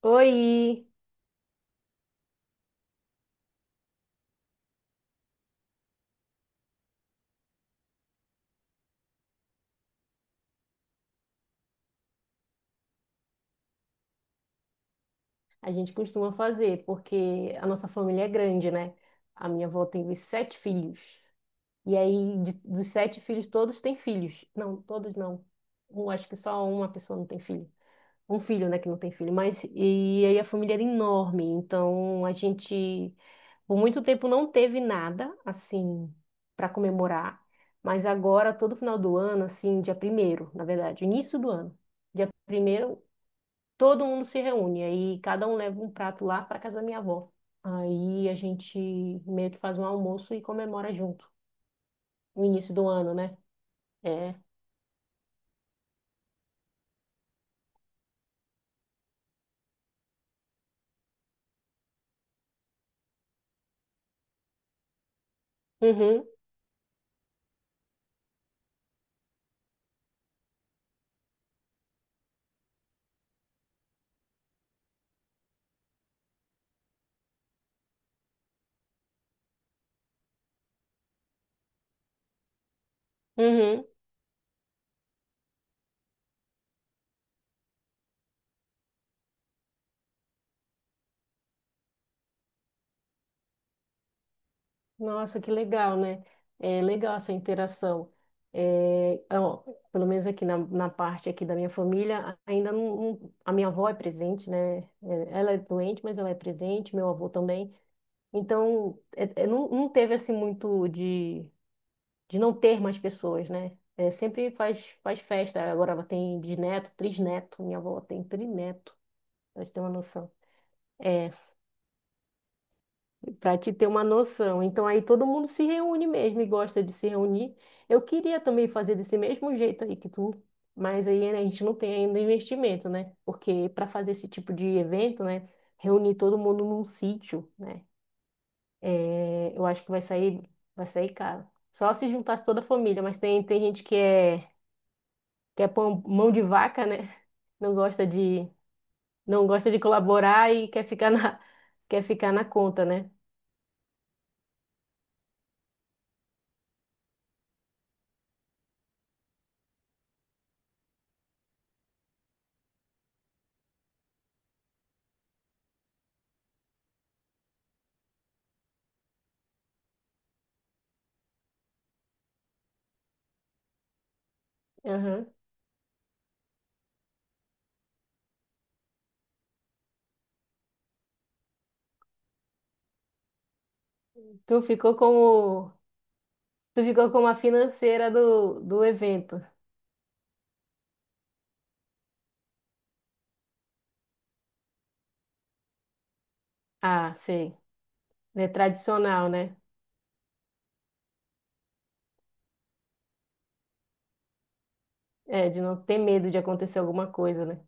Oi! A gente costuma fazer, porque a nossa família é grande, né? A minha avó teve 7 filhos. E aí, dos 7 filhos, todos têm filhos. Não, todos não. Um, acho que só uma pessoa não tem filho. Um filho, né, que não tem filho. Mas, e aí a família era enorme. Então, a gente, por muito tempo, não teve nada, assim, para comemorar. Mas agora, todo final do ano, assim, dia primeiro, na verdade, início do ano. Dia primeiro todo mundo se reúne, aí cada um leva um prato lá para casa da minha avó. Aí a gente meio que faz um almoço e comemora junto, o início do ano, né? É. Uhum, uhum. Nossa, que legal, né? É legal essa interação. É, ó, pelo menos aqui na parte aqui da minha família, ainda não- a minha avó é presente, né? É, ela é doente, mas ela é presente, meu avô também. Então, é, não, não teve assim muito de não ter mais pessoas, né? É, sempre faz, faz festa. Agora ela tem bisneto, trisneto. Minha avó tem trineto, pra gente ter uma noção. É, pra te ter uma noção. Então aí todo mundo se reúne mesmo e gosta de se reunir. Eu queria também fazer desse mesmo jeito aí que tu, mas aí né, a gente não tem ainda investimento, né? Porque para fazer esse tipo de evento, né? Reunir todo mundo num sítio, né? É, eu acho que vai sair caro. Só se juntasse toda a família, mas tem gente que é mão de vaca, né? Não gosta de, não gosta de colaborar e quer ficar na conta, né? Aham. Tu ficou como, tu ficou como a financeira do evento. Ah, sei. É tradicional, né? É, de não ter medo de acontecer alguma coisa, né?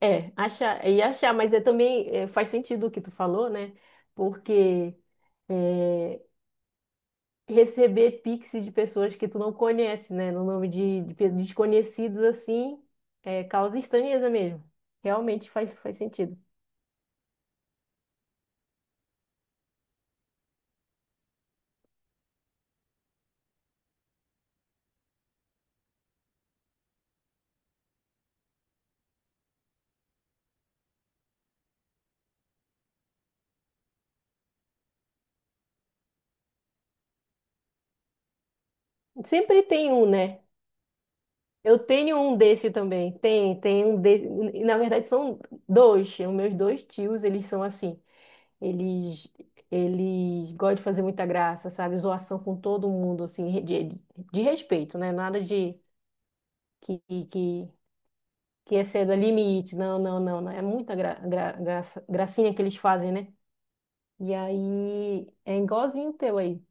É, achar, mas faz sentido o que tu falou, né? Porque é, receber pix de pessoas que tu não conhece, né? No nome de desconhecidos, assim, é, causa estranheza mesmo. Realmente faz, faz sentido. Sempre tem um, né? Eu tenho um desse também. Tem, tem um desse. Na verdade, são 2. Os meus dois tios, eles são assim. Eles, eles gostam de fazer muita graça, sabe? Zoação com todo mundo, assim, de respeito, né? Nada de que, que que exceda limite. Não, não, não, não. É muita gracinha que eles fazem, né? E aí é igualzinho o teu aí.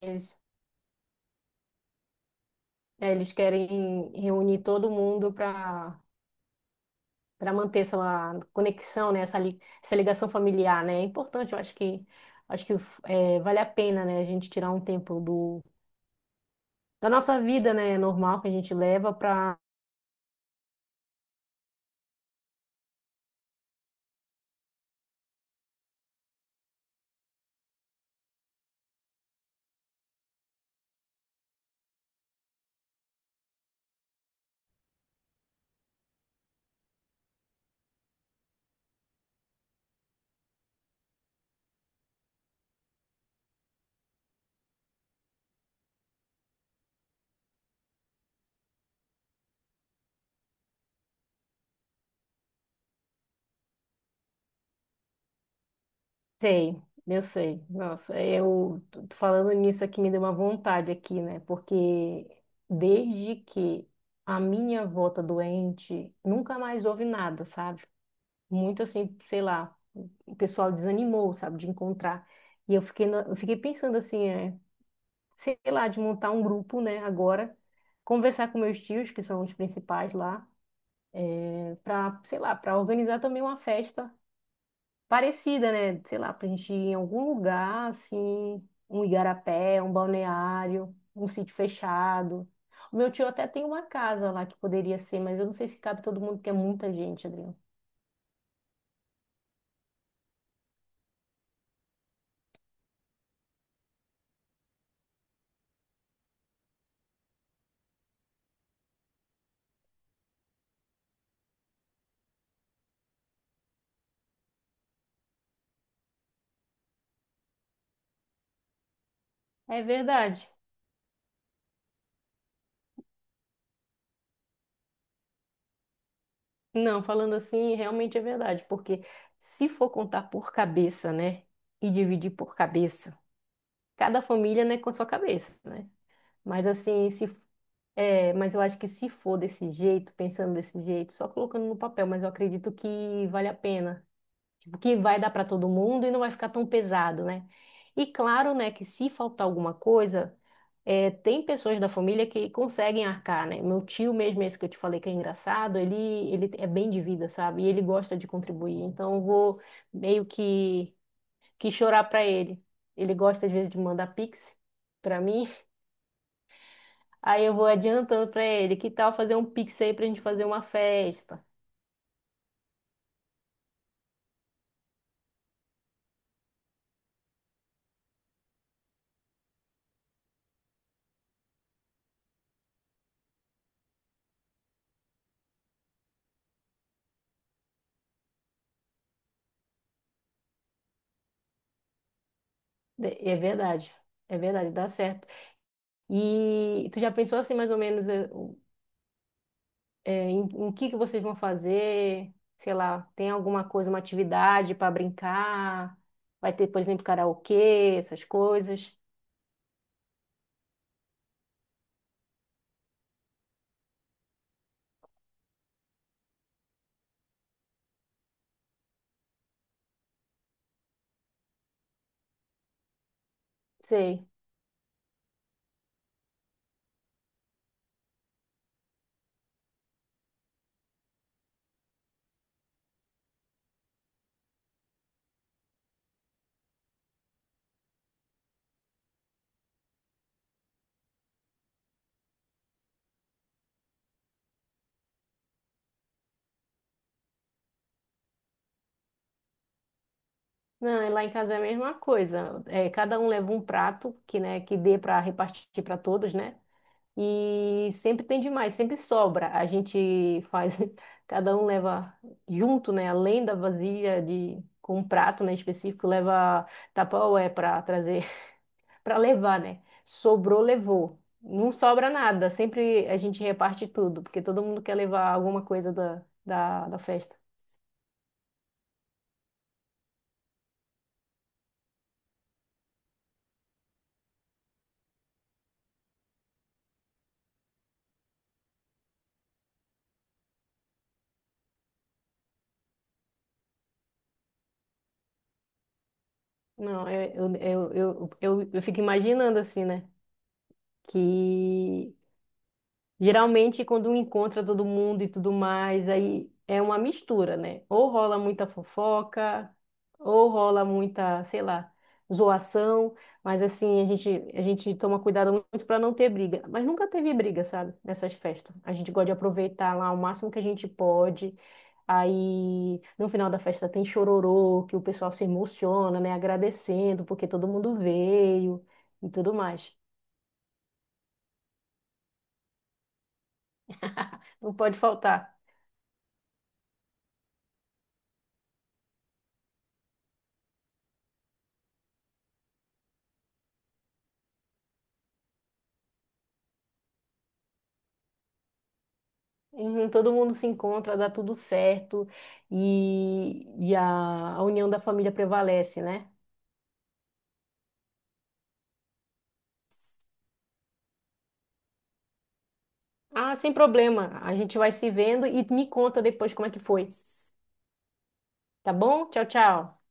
Eles, é, eles querem reunir todo mundo para para manter essa conexão, né? Essa, essa ligação familiar, né? É importante, eu acho que é, vale a pena, né? A gente tirar um tempo do da nossa vida, né? Normal que a gente leva para sei, eu sei. Nossa, eu tô falando nisso aqui me deu uma vontade aqui, né? Porque desde que a minha avó tá doente, nunca mais houve nada, sabe? Muito assim, sei lá, o pessoal desanimou, sabe, de encontrar. E eu fiquei pensando assim, é, sei lá, de montar um grupo, né, agora, conversar com meus tios, que são os principais lá, para, sei lá, para organizar também uma festa parecida, né? Sei lá, pra gente ir em algum lugar, assim, um igarapé, um balneário, um sítio fechado. O meu tio até tem uma casa lá que poderia ser, mas eu não sei se cabe todo mundo, porque é muita gente, Adriano. É verdade. Não, falando assim, realmente é verdade, porque se for contar por cabeça, né? E dividir por cabeça, cada família, né, com a sua cabeça, né? Mas assim, se é, mas eu acho que se for desse jeito, pensando desse jeito, só colocando no papel, mas eu acredito que vale a pena. Tipo, que vai dar para todo mundo e não vai ficar tão pesado, né? E claro, né, que se faltar alguma coisa, é, tem pessoas da família que conseguem arcar, né? Meu tio mesmo, esse que eu te falei que é engraçado, ele é bem de vida, sabe? E ele gosta de contribuir. Então eu vou meio que chorar para ele. Ele gosta às vezes de mandar pix para mim. Aí eu vou adiantando pra ele, que tal fazer um pix aí pra gente fazer uma festa? De- É verdade, é verdade, dá certo. E tu já pensou assim mais ou menos em que vocês vão fazer? Sei lá, tem alguma coisa, uma atividade pra brincar? Vai ter, por exemplo, karaokê, essas coisas? Sei. Não, e lá em casa é a mesma coisa. É, cada um leva um prato que, né, que dê para repartir para todos, né? E sempre tem demais, sempre sobra. A gente faz, cada um leva junto, né? Além da vasilha de com um prato, né, específico, leva tapaué para trazer, para levar, né? Sobrou, levou. Não sobra nada, sempre a gente reparte tudo, porque todo mundo quer levar alguma coisa da festa. Não, eu, eu, eu fico imaginando assim, né? Que Geralmente, quando encontra todo mundo e tudo mais, aí é uma mistura, né? Ou rola muita fofoca, ou rola muita, sei lá, zoação, mas assim, a gente toma cuidado muito para não ter briga. Mas nunca teve briga, sabe? Nessas festas. A gente gosta de aproveitar lá o máximo que a gente pode. Aí, no final da festa tem chororô, que o pessoal se emociona, né? Agradecendo porque todo mundo veio e tudo mais. Não pode faltar. Uhum, todo mundo se encontra, dá tudo certo e, e a, a união da família prevalece, né? Ah, sem problema. A gente vai se vendo e me conta depois como é que foi. Tá bom? Tchau, tchau.